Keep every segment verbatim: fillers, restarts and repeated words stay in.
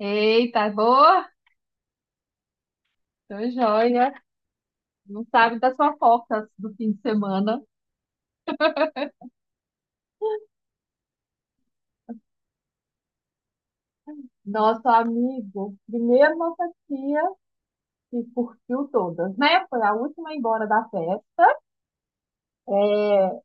Eita, boa! Tô joia. Não sabe das fofocas do fim de semana. Nosso amigo, primeiro nossa tia, que curtiu todas, né? Foi a última a ir embora da festa. É,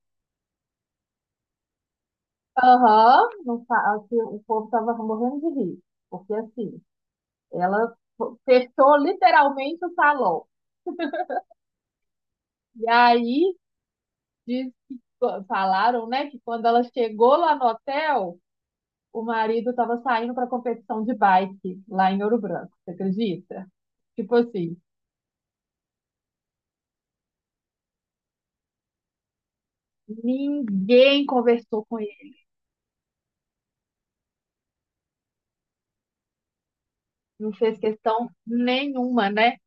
aham. não sa- Assim, o povo tava morrendo de rir. Porque assim, ela fo- fechou literalmente o salão. E aí, diz que, falaram, né, que quando ela chegou lá no hotel, o marido estava saindo para competição de bike lá em Ouro Branco, você acredita? Tipo assim, ninguém conversou com ele, não fez questão nenhuma, né?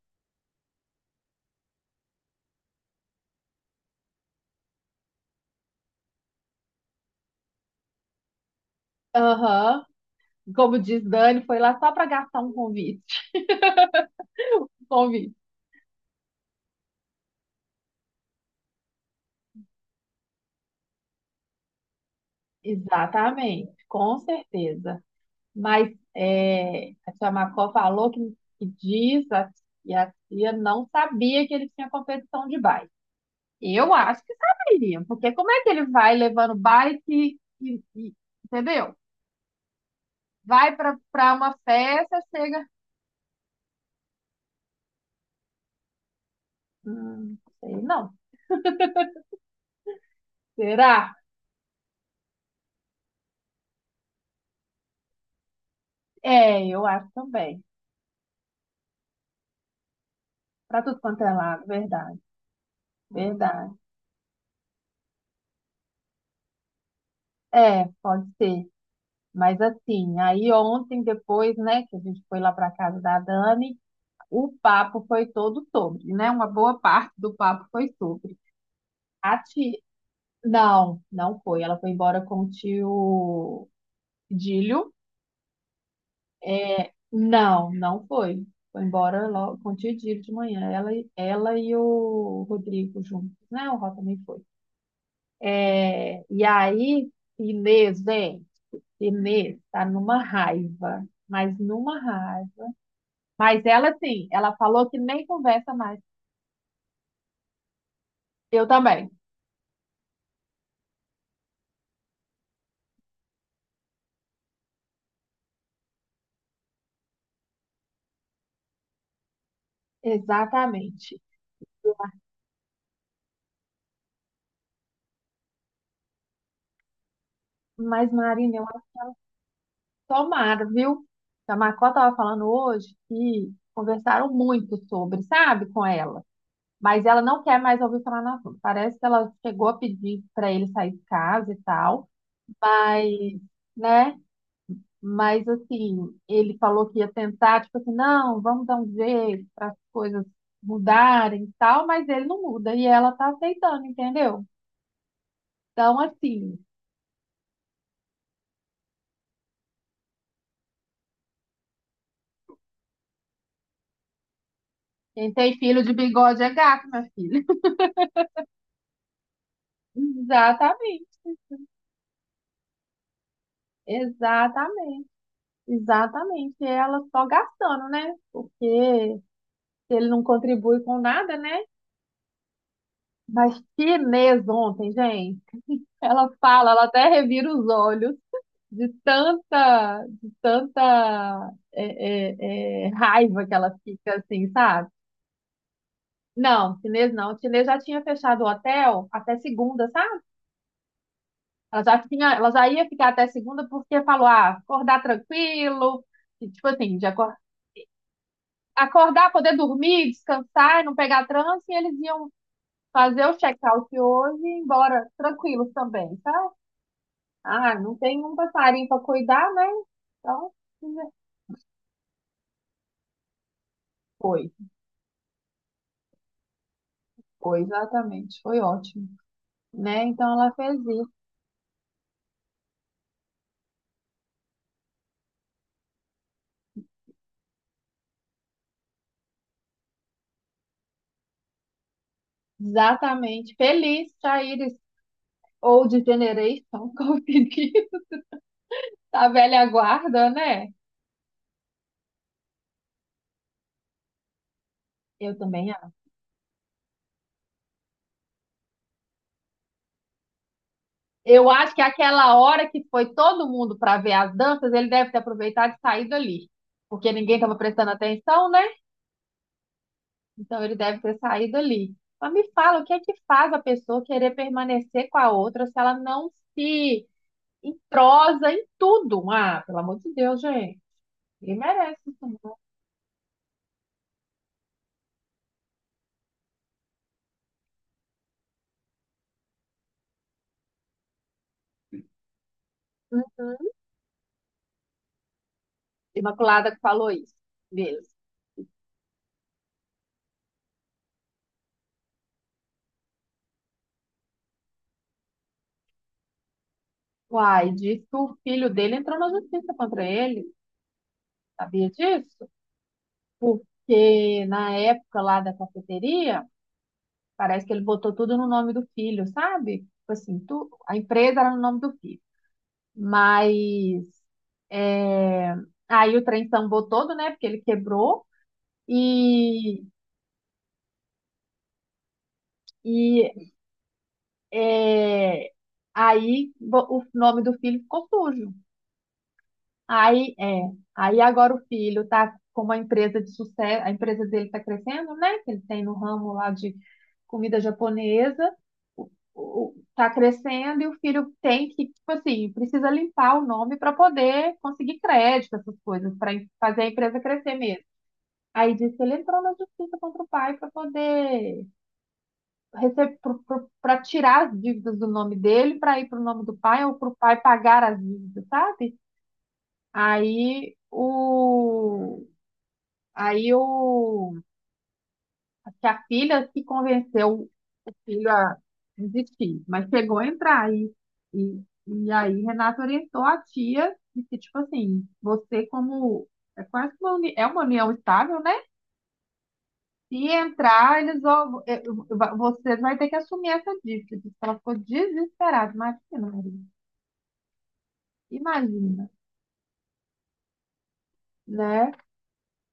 Aham, como diz Dani, foi lá só para gastar um convite. Convite. Exatamente, com certeza. Mas é, a tia Macó falou que, que diz a- e a tia não sabia que ele tinha competição de bike. Eu acho que saberia, porque como é que ele vai levando bike e, e- entendeu? Vai para para uma festa, chega. Hum, sei não. Será? É, eu acho também. Para tudo quanto é lado, verdade, verdade. É, pode ser. Mas assim, aí ontem depois, né, que a gente foi lá para casa da Dani, o papo foi todo sobre, né? Uma boa parte do papo foi sobre. A tia... Não, não foi. Ela foi embora com o tio Dílio. É, não, não foi. Foi embora logo com o dia de manhã. Ela, e- ela e o Rodrigo juntos, né? O Ró também foi. É, e aí, Inês, gente, Inês tá numa raiva, mas numa raiva. Mas ela, sim, ela falou que nem conversa mais. Eu também, exatamente. Mas, Marina, eu acho que tomara, viu? A Macó tava falando hoje que conversaram muito sobre, sabe, com ela. Mas ela não quer mais ouvir falar no assunto. Parece que ela chegou a pedir para ele sair de casa e tal, mas, né? Mas assim, ele falou que ia tentar, tipo assim, não, vamos dar um jeito para as coisas mudarem e tal, mas ele não muda e ela tá aceitando, entendeu? Então, assim, quem tem filho de bigode é gato, minha filha. Exatamente, exatamente, exatamente. E ela só gastando, né? Porque se ele não contribui com nada, né? Mas que Inês ontem, gente. Ela fala, ela até revira os olhos de tanta, de tanta é, é, é, raiva que ela fica, assim, sabe? Não, chinês não. Chinês já tinha fechado o hotel até segunda, sabe? Ela já tinha, ela já ia ficar até segunda porque falou, ah, acordar tranquilo, e, tipo assim, de acor- acordar, poder dormir, descansar, e não pegar trânsito, e eles iam fazer o check-out hoje e ir embora tranquilos também, sabe? Ah, não tem um passarinho para cuidar, né? Então, foi. Foi, exatamente. Foi ótimo, né? Então ela fez isso. Exatamente. Feliz, Chaires. Old Generation, como se diz, da velha guarda, né? Eu também acho. Eu acho que aquela hora que foi todo mundo para ver as danças, ele deve ter aproveitado e saído ali. Porque ninguém estava prestando atenção, né? Então ele deve ter saído ali. Mas me fala, o que é que faz a pessoa querer permanecer com a outra se ela não se em prosa, em tudo. Ah, pelo amor de Deus, gente. Ele merece isso. Uhum. Imaculada que falou isso. Beleza. Uai, disse que o filho dele entrou na justiça contra ele. Sabia disso? Porque na época lá da cafeteria, parece que ele botou tudo no nome do filho, sabe? Tipo assim, tu, a empresa era no nome do filho. Mas é, aí o trem sambou todo, né? Porque ele quebrou. E, e É, aí bo- o nome do filho ficou sujo. Aí, é, aí agora o filho tá com uma empresa de sucesso, a empresa dele tá crescendo, né? Que ele tem no ramo lá de comida japonesa, o, o- tá crescendo e o filho tem que, tipo assim, precisa limpar o nome para poder conseguir crédito, essas coisas, para fazer a empresa crescer mesmo. Aí disse que ele entrou na justiça contra o pai para poder para tirar as dívidas do nome dele para ir para o nome do pai ou para o pai pagar as dívidas, sabe? Aí o aí o Que a filha se convenceu o filho a desistir, mas chegou a entrar aí e, e aí Renata orientou a tia de que tipo assim, você como é quase uma uni- é uma união estável, né? Se entrar, eles vão, eh, va- você vai ter que assumir essa dívida. Diz que ela ficou desesperada. Imagina, Maria. Imagina, né?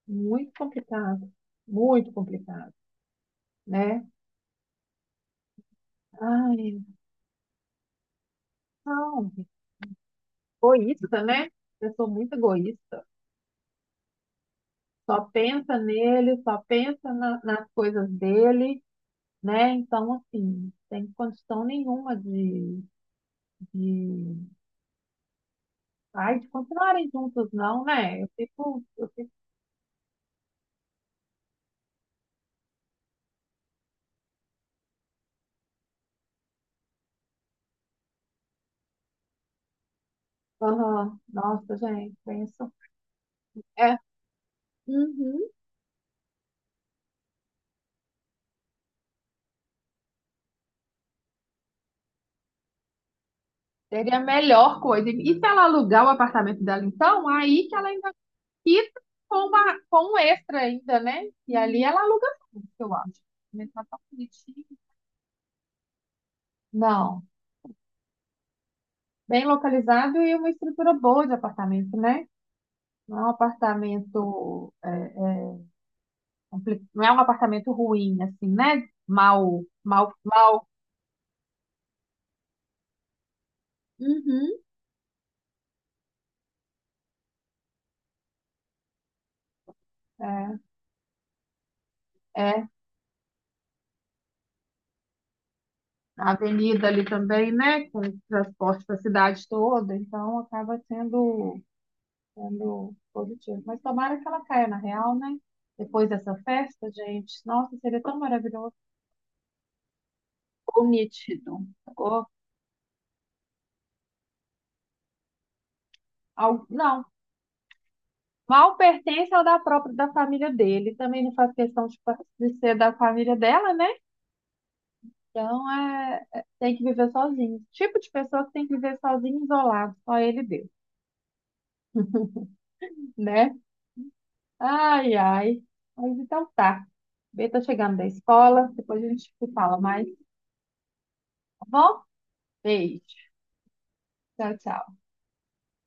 Muito complicado. Muito complicado, né? Ai, não. Egoísta, né? Pessoa muito egoísta. Só pensa nele, só pensa na- nas coisas dele, né? Então, assim, sem condição nenhuma de, de, ai, de continuarem juntos, não, né? Eu fico, eu fico Aham. Nossa, gente, pensa. É, uhum. Seria a melhor coisa. E se ela alugar o apartamento dela, então, aí que ela ainda quita com, uma, com um extra ainda, né? E ali ela aluga tudo, eu acho. Mas tá tão bonitinho. Não, bem localizado e uma estrutura boa de apartamento, né? Não é um apartamento, é, é, compli- não é um apartamento ruim, assim, né? Mal, mal, mal. Uhum. A avenida ali também, né? Com transporte para a cidade toda, então acaba sendo, sendo positivo. Mas tomara que ela caia na real, né? Depois dessa festa, gente, nossa, seria tão maravilhoso. Ficou nítido. Ficou Al- Não, mal pertence ao da própria da família dele. Também não faz questão de, par- de ser da família dela, né? Então é, é- tem que viver sozinho. Tipo de pessoa que tem que viver sozinho, isolado, só ele e Deus, né? Ai, ai. Mas então tá. B tá chegando da escola, depois a gente se fala mais, tá bom? Beijo. Tchau, tchau.